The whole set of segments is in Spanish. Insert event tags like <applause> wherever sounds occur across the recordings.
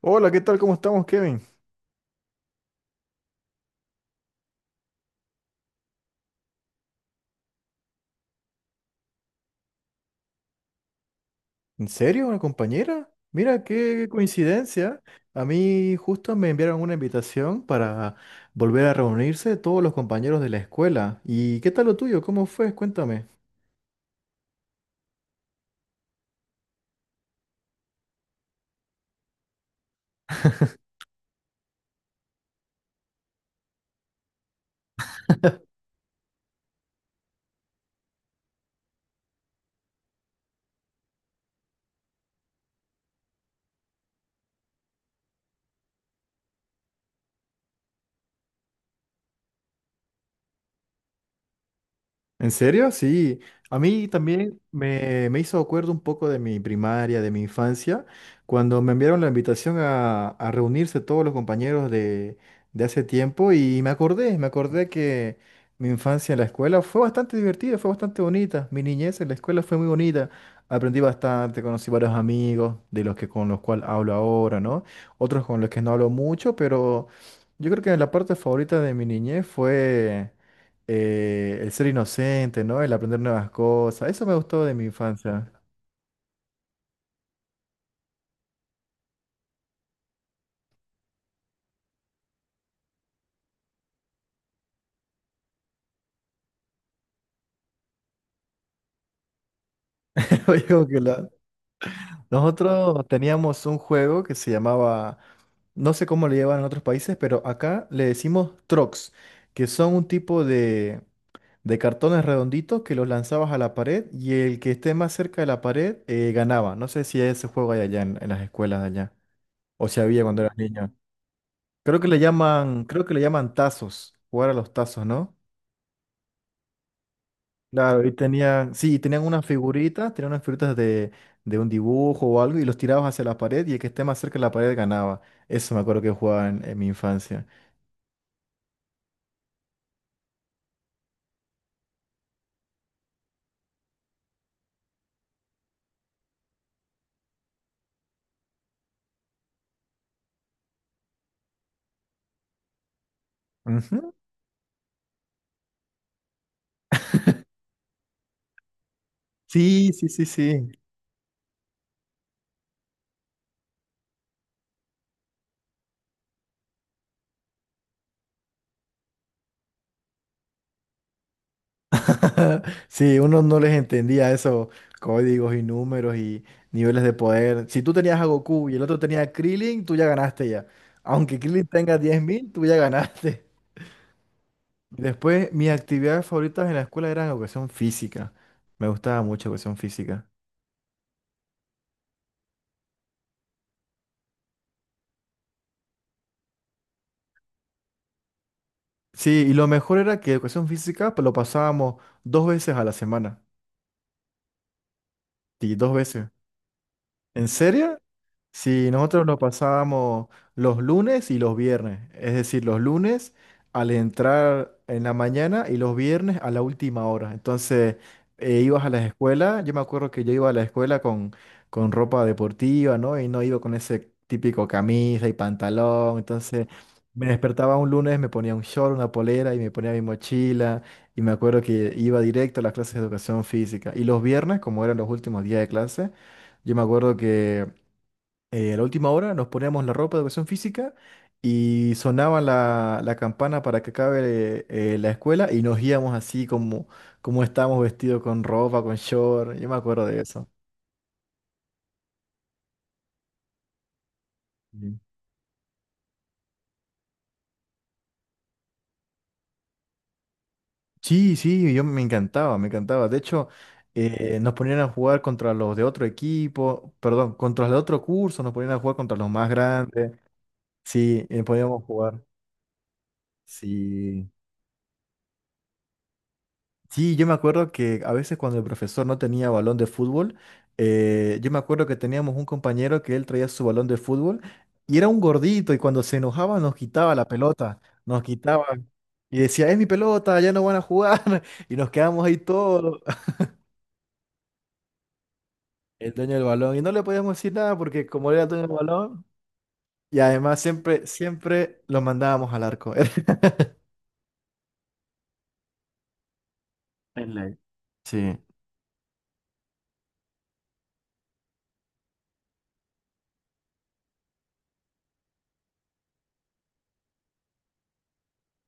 Hola, ¿qué tal? ¿Cómo estamos, Kevin? ¿En serio? ¿Una compañera? Mira, qué coincidencia. A mí justo me enviaron una invitación para volver a reunirse todos los compañeros de la escuela. ¿Y qué tal lo tuyo? ¿Cómo fue? Cuéntame. <laughs> ¿En serio? Sí. A mí también me hizo acuerdo un poco de mi primaria, de mi infancia, cuando me enviaron la invitación a reunirse todos los compañeros de hace tiempo y me acordé que mi infancia en la escuela fue bastante divertida, fue bastante bonita. Mi niñez en la escuela fue muy bonita. Aprendí bastante, conocí varios amigos de los que con los cuales hablo ahora, ¿no? Otros con los que no hablo mucho, pero yo creo que la parte favorita de mi niñez fue el ser inocente, ¿no? El aprender nuevas cosas. Eso me gustó de mi infancia. <laughs> Oye, nosotros teníamos un juego que se llamaba, no sé cómo le llevan en otros países, pero acá le decimos trocs, que son un tipo de cartones redonditos que los lanzabas a la pared y el que esté más cerca de la pared ganaba. No sé si ese juego hay allá en las escuelas de allá, o si había cuando eras niño. Creo que le llaman tazos, jugar a los tazos, ¿no? Claro, y tenían, sí, tenían unas figuritas de un dibujo o algo y los tirabas hacia la pared y el que esté más cerca de la pared ganaba. Eso me acuerdo que jugaba en mi infancia. Ujú. Sí, sí, sí, sí. <laughs> Sí, uno no les entendía esos códigos y números y niveles de poder. Si tú tenías a Goku y el otro tenía a Krillin, tú ya ganaste ya. Aunque Krillin tenga 10.000, tú ya ganaste. <laughs> Después, mis actividades favoritas en la escuela eran educación física. Me gustaba mucho educación física. Sí, y lo mejor era que educación física pues, lo pasábamos dos veces a la semana. Sí, dos veces. ¿En serio? Sí, nosotros lo pasábamos los lunes y los viernes, es decir, los lunes al entrar en la mañana y los viernes a la última hora. Entonces, ibas a la escuela, yo me acuerdo que yo iba a la escuela con ropa deportiva, ¿no? Y no iba con ese típico camisa y pantalón. Entonces, me despertaba un lunes, me ponía un short, una polera y me ponía mi mochila. Y me acuerdo que iba directo a las clases de educación física. Y los viernes, como eran los últimos días de clase, yo me acuerdo que a la última hora nos poníamos la ropa de educación física y sonaba la campana para que acabe la escuela y nos íbamos así como, como estábamos vestidos con ropa, con short. Yo me acuerdo de eso. Ujú. Sí, sí, yo me encantaba, me encantaba. De hecho, nos ponían a jugar contra los de otro equipo, perdón, contra los de otro curso, nos ponían a jugar contra los más grandes. Sí, podíamos jugar. Sí. Sí, yo me acuerdo que a veces cuando el profesor no tenía balón de fútbol, yo me acuerdo que teníamos un compañero que él traía su balón de fútbol y era un gordito y cuando se enojaba nos quitaba la pelota, nos quitaba y decía, es mi pelota, ya no van a jugar. <laughs> Y nos quedamos ahí todos, <laughs> el dueño del balón, y no le podíamos decir nada porque como era el dueño del balón y además siempre, siempre lo mandábamos al arco. <laughs> En la- Sí,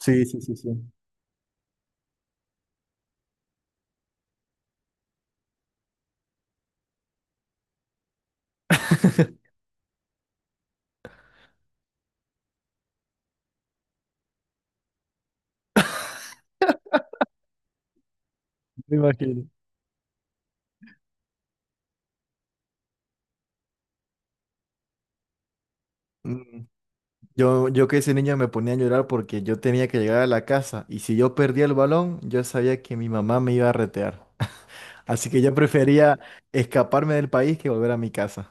sí, sí, sí, sí, me imagino. Mm. Yo que ese niño me ponía a llorar porque yo tenía que llegar a la casa y si yo perdía el balón, yo sabía que mi mamá me iba a retear. <laughs> Así que yo prefería escaparme del país que volver a mi casa.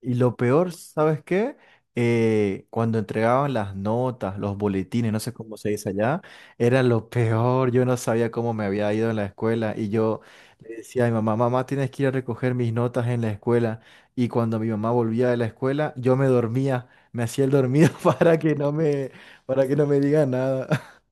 Y lo peor, ¿sabes qué? Cuando entregaban las notas, los boletines, no sé cómo se dice allá, era lo peor. Yo no sabía cómo me había ido en la escuela y yo le decía a mi mamá, mamá, tienes que ir a recoger mis notas en la escuela. Y cuando mi mamá volvía de la escuela, yo me dormía, me hacía el dormido <laughs> para que no me diga nada. <laughs>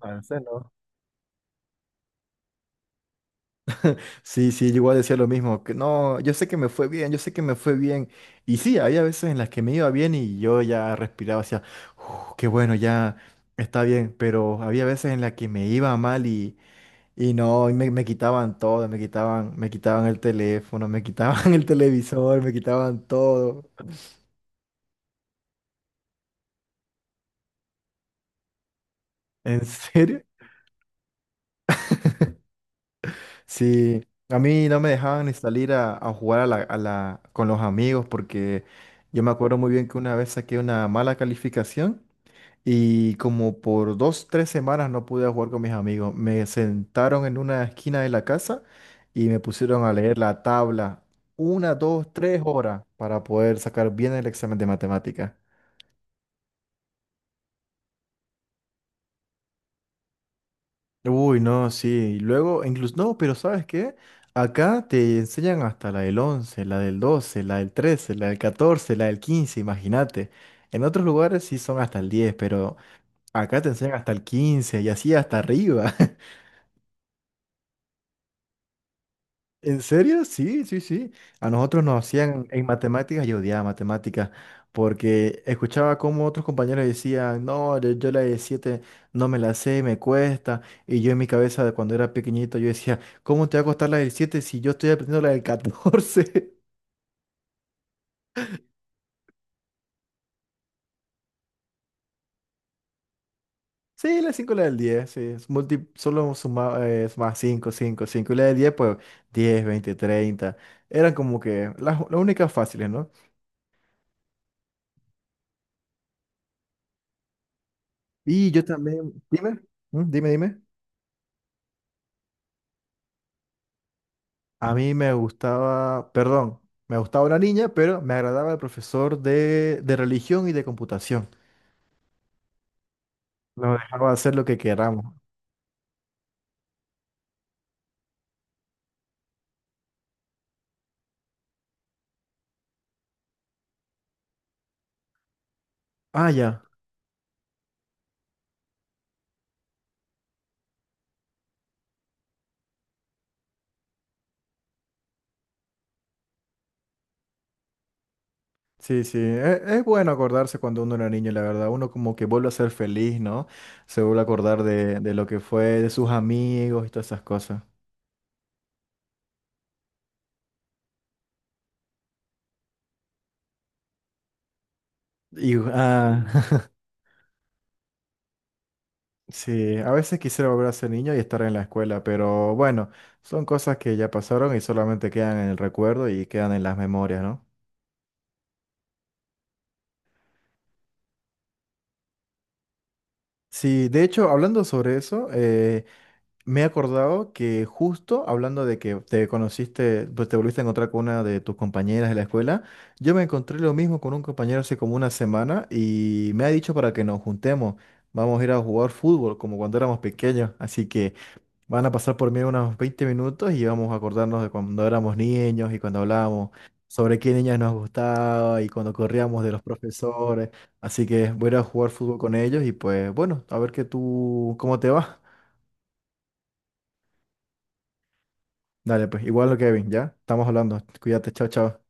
Parece, ¿no? Sí, sí, yo igual decía lo mismo, que no, yo sé que me fue bien, yo sé que me fue bien. Y sí, había veces en las que me iba bien y yo ya respiraba, decía, qué bueno, ya está bien, pero había veces en las que me iba mal y no, y me quitaban todo, me quitaban el teléfono, me quitaban <laughs> el televisor, me quitaban todo. ¿En serio? Sí, a mí no me dejaban ni salir a jugar con los amigos porque yo me acuerdo muy bien que una vez saqué una mala calificación. Y como por dos, tres semanas no pude jugar con mis amigos. Me sentaron en una esquina de la casa y me pusieron a leer la tabla. Una, dos, tres horas para poder sacar bien el examen de matemática. Uy, no, sí. Y luego, incluso, no, pero ¿sabes qué? Acá te enseñan hasta la del 11, la del 12, la del 13, la del 14, la del 15, imagínate. En otros lugares sí son hasta el 10, pero acá te enseñan hasta el 15 y así hasta arriba. ¿En serio? Sí, sí, sí. A nosotros nos hacían en matemáticas, yo odiaba matemáticas, porque escuchaba como otros compañeros decían, no, yo la de 7 no me la sé, me cuesta. Y yo en mi cabeza de cuando era pequeñito, yo decía, ¿cómo te va a costar la del 7 si yo estoy aprendiendo la del 14? <laughs> Sí, la 5 y la del 10 sí, es solo suma, más 5 5 cinco. Y la del 10 pues 10 20 30. Eran como que las únicas fáciles, ¿no? Y yo también, dime. ¿Mm? Dime, dime. A mí me gustaba, perdón, me gustaba una niña, pero me agradaba el profesor de religión y de computación. Nos dejaba hacer lo que queramos. Ah, ya. Sí, sí. Es bueno acordarse cuando uno era niño, la verdad. Uno como que vuelve a ser feliz, ¿no? Se vuelve a acordar de lo que fue, de sus amigos y todas esas cosas. Y, ah, <laughs> sí, a veces quisiera volver a ser niño y estar en la escuela, pero bueno, son cosas que ya pasaron y solamente quedan en el recuerdo y quedan en las memorias, ¿no? Sí, de hecho, hablando sobre eso, me he acordado que justo hablando de que te conociste, pues te volviste a encontrar con una de tus compañeras de la escuela, yo me encontré lo mismo con un compañero hace como una semana y me ha dicho para que nos juntemos, vamos a ir a jugar fútbol como cuando éramos pequeños, así que van a pasar por mí unos 20 minutos y vamos a acordarnos de cuando éramos niños y cuando hablábamos sobre qué niñas nos gustaba y cuando corríamos de los profesores. Así que voy a ir a jugar fútbol con ellos y pues bueno, a ver que tú, cómo te va. Dale, pues igual lo Kevin, ¿ya? Estamos hablando. Cuídate, chao, chao.